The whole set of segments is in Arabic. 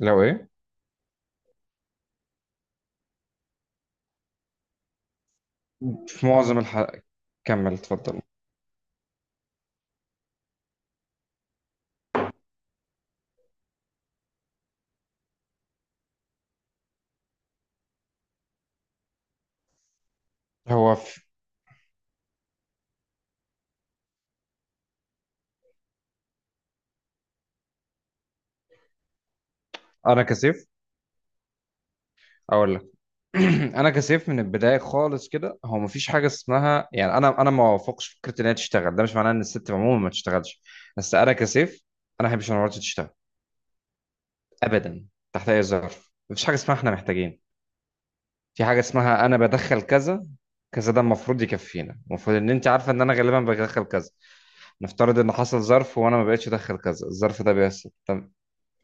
لو ايه؟ في معظم الحلقة. كمل اتفضل. هو في... انا كسيف اقول لك. انا كسيف من البدايه خالص كده. هو مفيش حاجه اسمها، يعني انا ما وافقش فكره ان هي تشتغل. ده مش معناه ان الست عموما ما تشتغلش، بس انا كسيف. انا ما بحبش ان مراتي تشتغل ابدا تحت اي ظرف. مفيش حاجه اسمها احنا محتاجين، في حاجه اسمها انا بدخل كذا كذا، ده المفروض يكفينا. المفروض ان انت عارفه ان انا غالبا بدخل كذا. نفترض ان حصل ظرف وانا ما بقتش ادخل كذا، الظرف ده بيحصل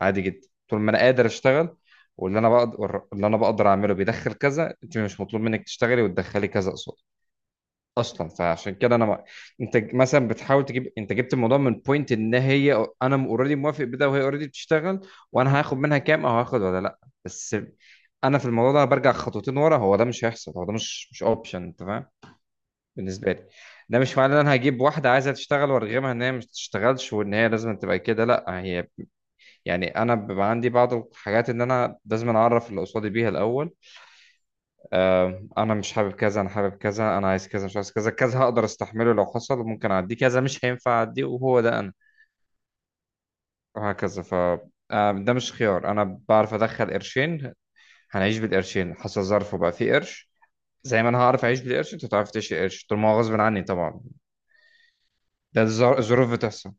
عادي جدا. طول ما انا قادر اشتغل واللي انا بقدر اعمله بيدخل كذا، انت مش مطلوب منك تشتغلي وتدخلي كذا قصاد اصلا. فعشان كده انا ما... انت مثلا بتحاول تجيب، انت جبت الموضوع من بوينت ان هي، انا اوريدي موافق بده وهي اوريدي بتشتغل، وانا هاخد منها كام او هاخد ولا لا. بس انا في الموضوع ده برجع خطوتين ورا. هو ده مش هيحصل، هو ده مش اوبشن، انت فاهم؟ بالنسبه لي ده مش معناه ان انا هجيب واحده عايزه تشتغل وارغمها ان هي مش تشتغلش وان هي لازم تبقى كده، لا. هي يعني انا بيبقى عندي بعض الحاجات ان انا لازم اعرف اللي قصادي بيها الاول. آه، انا مش حابب كذا، انا حابب كذا، انا عايز كذا مش عايز كذا، كذا هقدر استحمله لو حصل، ممكن اعديه، كذا مش هينفع اعديه، وهو ده انا، وهكذا. آه، ده مش خيار. انا بعرف ادخل قرشين، هنعيش بالقرشين. حصل ظرف وبقى فيه قرش، زي ما انا هعرف اعيش بالقرش انت هتعرف تعيش قرش، طول ما هو غصب عني طبعا. ده الظروف بتحصل.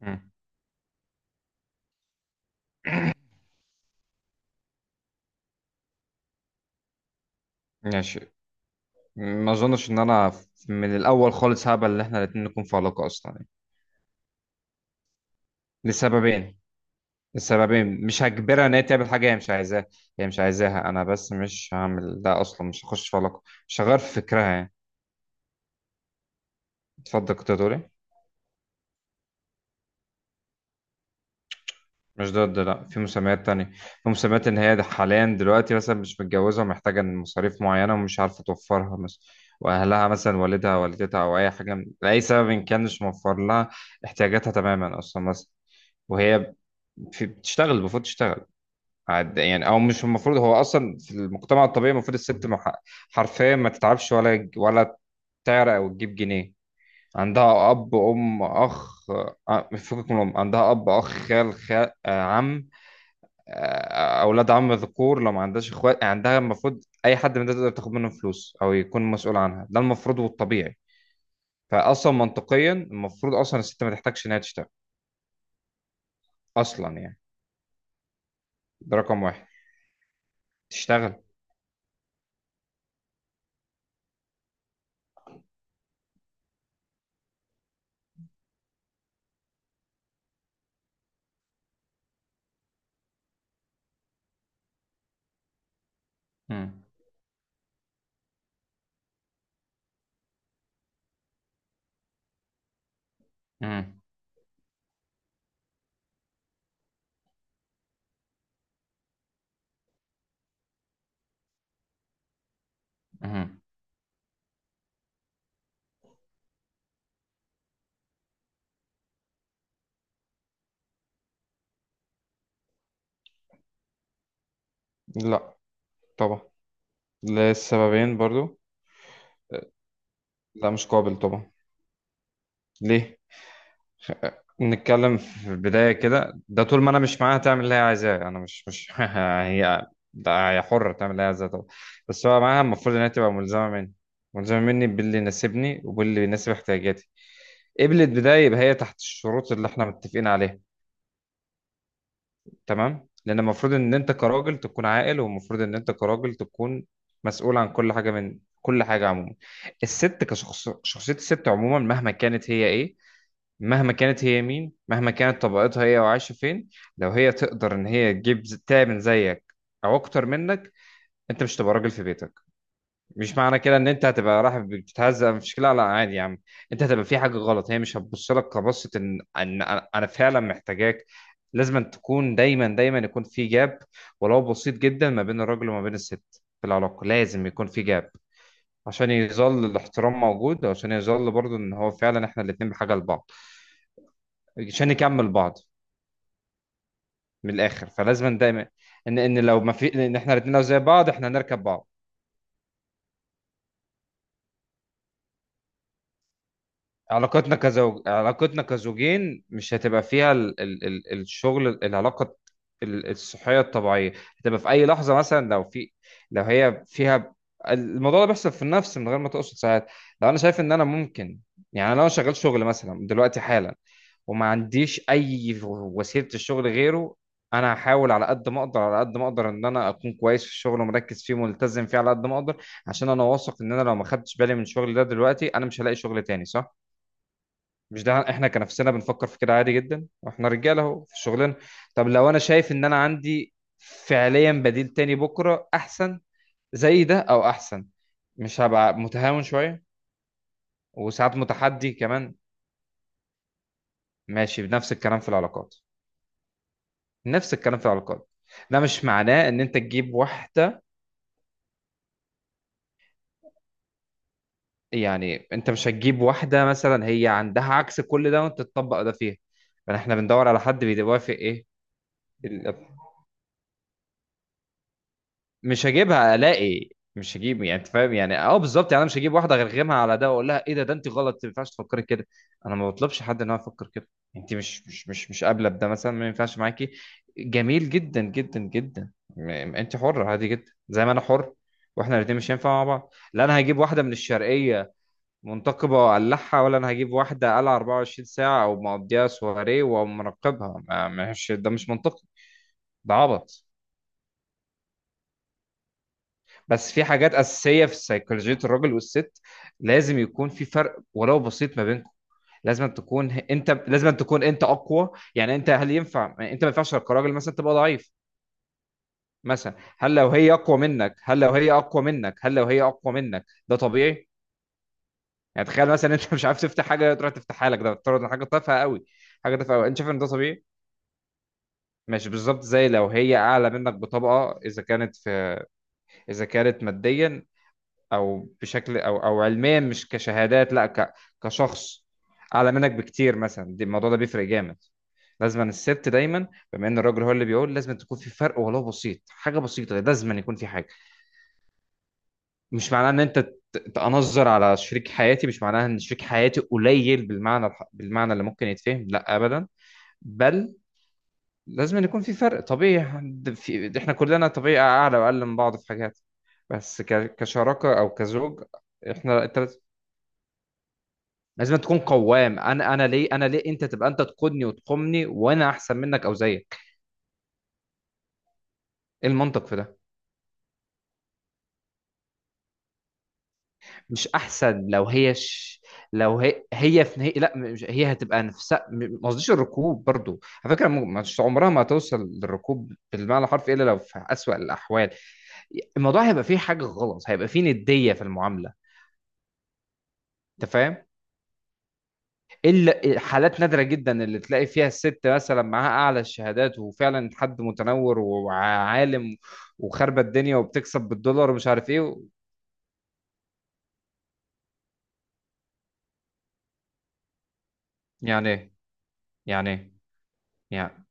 مم. ماشي. ما اظنش ان انا من الاول خالص هقبل ان احنا الاتنين نكون في علاقة اصلا يعني. لسببين. السببين: مش هجبرها ان هي تعمل حاجه هي مش عايزاها. هي مش عايزاها انا بس، مش هعمل ده اصلا، مش هخش في علاقه مش هغير في فكرها يعني. اتفضل كنت هتقول ايه؟ مش ضد، لا. في مسميات تانية، في مسميات ان هي ده حاليا دلوقتي مثلا مش متجوزه ومحتاجه إن مصاريف معينه ومش عارفه توفرها مثلا، واهلها مثلا، والدها والدتها او اي حاجه لاي سبب ان كان مش موفر لها احتياجاتها تماما اصلا مثلا، وهي في بتشتغل، المفروض تشتغل عاد يعني. او مش المفروض، هو اصلا في المجتمع الطبيعي المفروض الست حرفيا ما تتعبش ولا ولا تعرق او تجيب جنيه. عندها اب ام اخ، آه، فكك من الام، عندها اب اخ خال خال عم، آه، اولاد عم ذكور لو ما عندهاش اخوات يعني. عندها المفروض اي حد من ده تقدر تاخد منه فلوس او يكون مسؤول عنها، ده المفروض والطبيعي. فاصلا منطقيا المفروض اصلا الست ما تحتاجش انها تشتغل اصلا يعني. ده رقم واحد. تشتغل. مم. مم. مم. لا طبعا، للسببين برضو. لا مش قابل طبعا. ليه؟ خ- نتكلم في البداية كده. ده طول ما انا مش معاها تعمل اللي هي عايزاه، انا مش هي، ده هي حرة تعمل اللي هي عايزاه طبعا، بس هو معاها المفروض ان هي تبقى ملزمة مني. ملزمة مني باللي يناسبني وباللي يناسب احتياجاتي. قبلت بداية يبقى هي تحت الشروط اللي احنا متفقين عليها، تمام. لان المفروض ان انت كراجل تكون عاقل، والمفروض ان انت كراجل تكون مسؤول عن كل حاجه، من كل حاجه عموما. الست كشخص، شخصيه الست عموما مهما كانت هي ايه، مهما كانت هي مين، مهما كانت طبقتها هي وعايشه فين، لو هي تقدر ان هي تجيب تمن زيك او اكتر منك، انت مش تبقى راجل في بيتك. مش معنى كده ان انت هتبقى رايح بتتهزق، مش كده، لا لا عادي يا عم. انت هتبقى في حاجه غلط، هي مش هتبص لك كبصه ان انا، فعلا محتاجاك. لازم أن تكون دايما، دايما يكون في جاب ولو بسيط جدا ما بين الراجل وما بين الست، في العلاقه لازم يكون في جاب، عشان يظل الاحترام موجود، وعشان يظل برضو ان هو فعلا احنا الاتنين بحاجه لبعض، عشان نكمل بعض. من الاخر فلازم دايما ان لو ما في، ان احنا الاتنين لو زي بعض احنا هنركب بعض. علاقتنا كزوج، علاقتنا كزوجين مش هتبقى فيها الشغل، العلاقة الصحية الطبيعية هتبقى في أي لحظة. مثلا لو في، لو هي فيها، الموضوع ده بيحصل في النفس من غير ما تقصد ساعات. لو أنا شايف إن أنا ممكن، يعني لو أنا شغال شغل مثلا دلوقتي حالا وما عنديش أي وسيلة الشغل غيره، أنا هحاول على قد ما أقدر، على قد ما أقدر إن أنا أكون كويس في الشغل ومركز فيه وملتزم فيه على قد ما أقدر، عشان أنا واثق إن أنا لو ما خدتش بالي من شغلي ده دلوقتي أنا مش هلاقي شغل تاني، صح؟ مش ده احنا كنفسنا بنفكر في كده عادي جدا، واحنا رجاله اهو في شغلنا. طب لو انا شايف ان انا عندي فعليا بديل تاني بكره احسن، زي ده او احسن، مش هبقى متهاون شويه وساعات متحدي كمان؟ ماشي. بنفس الكلام في العلاقات، نفس الكلام في العلاقات. ده مش معناه ان انت تجيب واحده، يعني انت مش هتجيب واحده مثلا هي عندها عكس كل ده وانت تطبق ده فيها. فاحنا بندور على حد بيوافق ايه. مش هجيبها الاقي، مش هجيب يعني. انت فاهم يعني، اه، بالظبط يعني. انا مش هجيب واحده غرغمها على ده واقول لها ايه ده، ده انت غلط، ما ينفعش تفكري كده. انا ما بطلبش حد ان هو يفكر كده. انت مش قابله بده مثلا، ما ينفعش معاكي، جميل جدا جدا جدا. م- انت حره عادي جدا زي ما انا حر، واحنا الاثنين مش هينفع مع بعض. لا انا هجيب واحده من الشرقيه منتقبه وأقلعها، ولا انا هجيب واحده قلعه 24 ساعه او مقضيها سواري ومراقبها. مش ده، مش منطقي، ده عبط. بس في حاجات اساسيه في سيكولوجيه الراجل والست، لازم يكون في فرق ولو بسيط ما بينكم. لازم تكون انت، اقوى يعني. انت هل ينفع يعني انت ما ينفعش كراجل مثلا تبقى ضعيف مثلا؟ هل لو هي اقوى منك، هل لو هي اقوى منك هل لو هي اقوى منك ده طبيعي؟ يعني تخيل مثلا انت مش عارف تفتح حاجه تروح تفتحها لك، ده بتفترض إن حاجه تافهه قوي، حاجه تافهه قوي، انت شايف ان ده طبيعي؟ مش بالظبط زي لو هي اعلى منك بطبقه، اذا كانت في، اذا كانت ماديا او بشكل او علميا، مش كشهادات لا، كشخص اعلى منك بكتير مثلا، دي الموضوع ده بيفرق جامد. لازم الست دايما، بما ان الراجل هو اللي بيقول، لازم تكون في فرق ولو بسيط، حاجه بسيطه لازم يكون في حاجه. مش معناه ان انت تأنظر على شريك حياتي، مش معناها ان شريك حياتي قليل بالمعنى بالمعنى اللي ممكن يتفهم، لا ابدا. بل لازم يكون في فرق طبيعي. ده في ده احنا كلنا طبيعي، اعلى واقل من بعض في حاجات، بس كشراكه او كزوج احنا التلات، لازم تكون قوام. انا، انا ليه انت تبقى، انت تقودني وتقومني وانا احسن منك او زيك؟ ايه المنطق في ده؟ مش احسن لو هي لو هي، هي في نهاية، لا مش... هي هتبقى نفسها، ما قصديش الركوب برضو على فكره، مش عمرها ما هتوصل للركوب بالمعنى الحرفي الا لو في اسوأ الاحوال. الموضوع هيبقى فيه حاجه غلط، هيبقى فيه نديه في المعامله، انت فاهم؟ الا حالات نادره جدا اللي تلاقي فيها الست مثلا معاها اعلى الشهادات وفعلا حد متنور وعالم وخاربه الدنيا وبتكسب بالدولار ومش عارف ايه. يعني ايه؟ يعني ايه يعني؟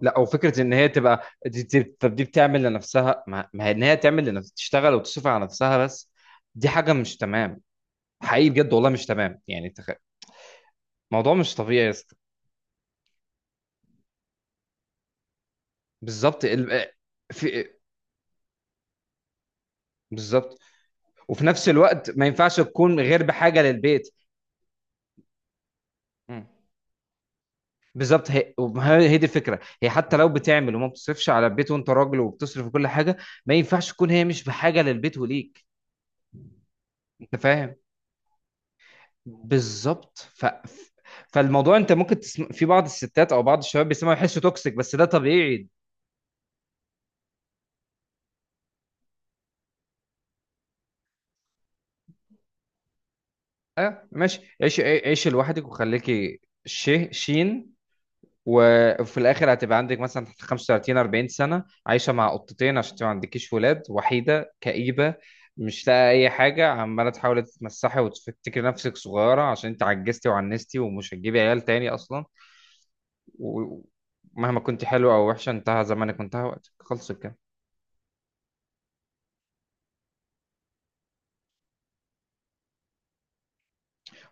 لا، وفكره ان هي تبقى دي طب دي بتعمل لنفسها، ما ما هي ان هي تعمل لنفسها تشتغل وتصرف على نفسها بس، دي حاجه مش تمام. حقيقي بجد والله مش تمام يعني، الموضوع مش طبيعي يا اسطى. بالظبط في، بالظبط. وفي نفس الوقت ما ينفعش تكون غير بحاجه للبيت. مم. بالظبط، هي هي دي الفكره. هي حتى لو بتعمل وما بتصرفش على البيت، وانت راجل وبتصرف كل حاجه، ما ينفعش تكون هي مش بحاجه للبيت وليك، انت فاهم؟ بالظبط. فالموضوع انت ممكن في بعض الستات او بعض الشباب بيسمعوا يحسوا توكسيك، بس ده طبيعي. اه ماشي، عيش عيش لوحدك وخليكي شي شين، وفي الاخر هتبقى عندك مثلا 35 40 سنه عايشه مع قطتين، عشان انت ما عندكيش ولاد، وحيده كئيبه، مش لاقي اي حاجه، عماله تحاولي تتمسحي وتفتكري نفسك صغيره عشان انت عجزتي وعنستي ومش هتجيبي عيال تاني اصلا. ومهما كنت حلوه او وحشه، انتهى زمانك وانتهى وقتك، خلص كده.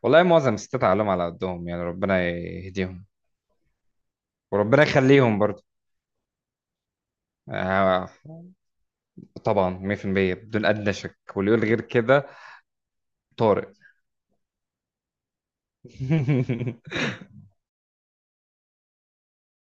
والله معظم الستات عقلهم على قدهم يعني، ربنا يهديهم وربنا يخليهم برضه. آه، طبعا 100% بدون ادنى شك، واللي يقول غير كده طارق.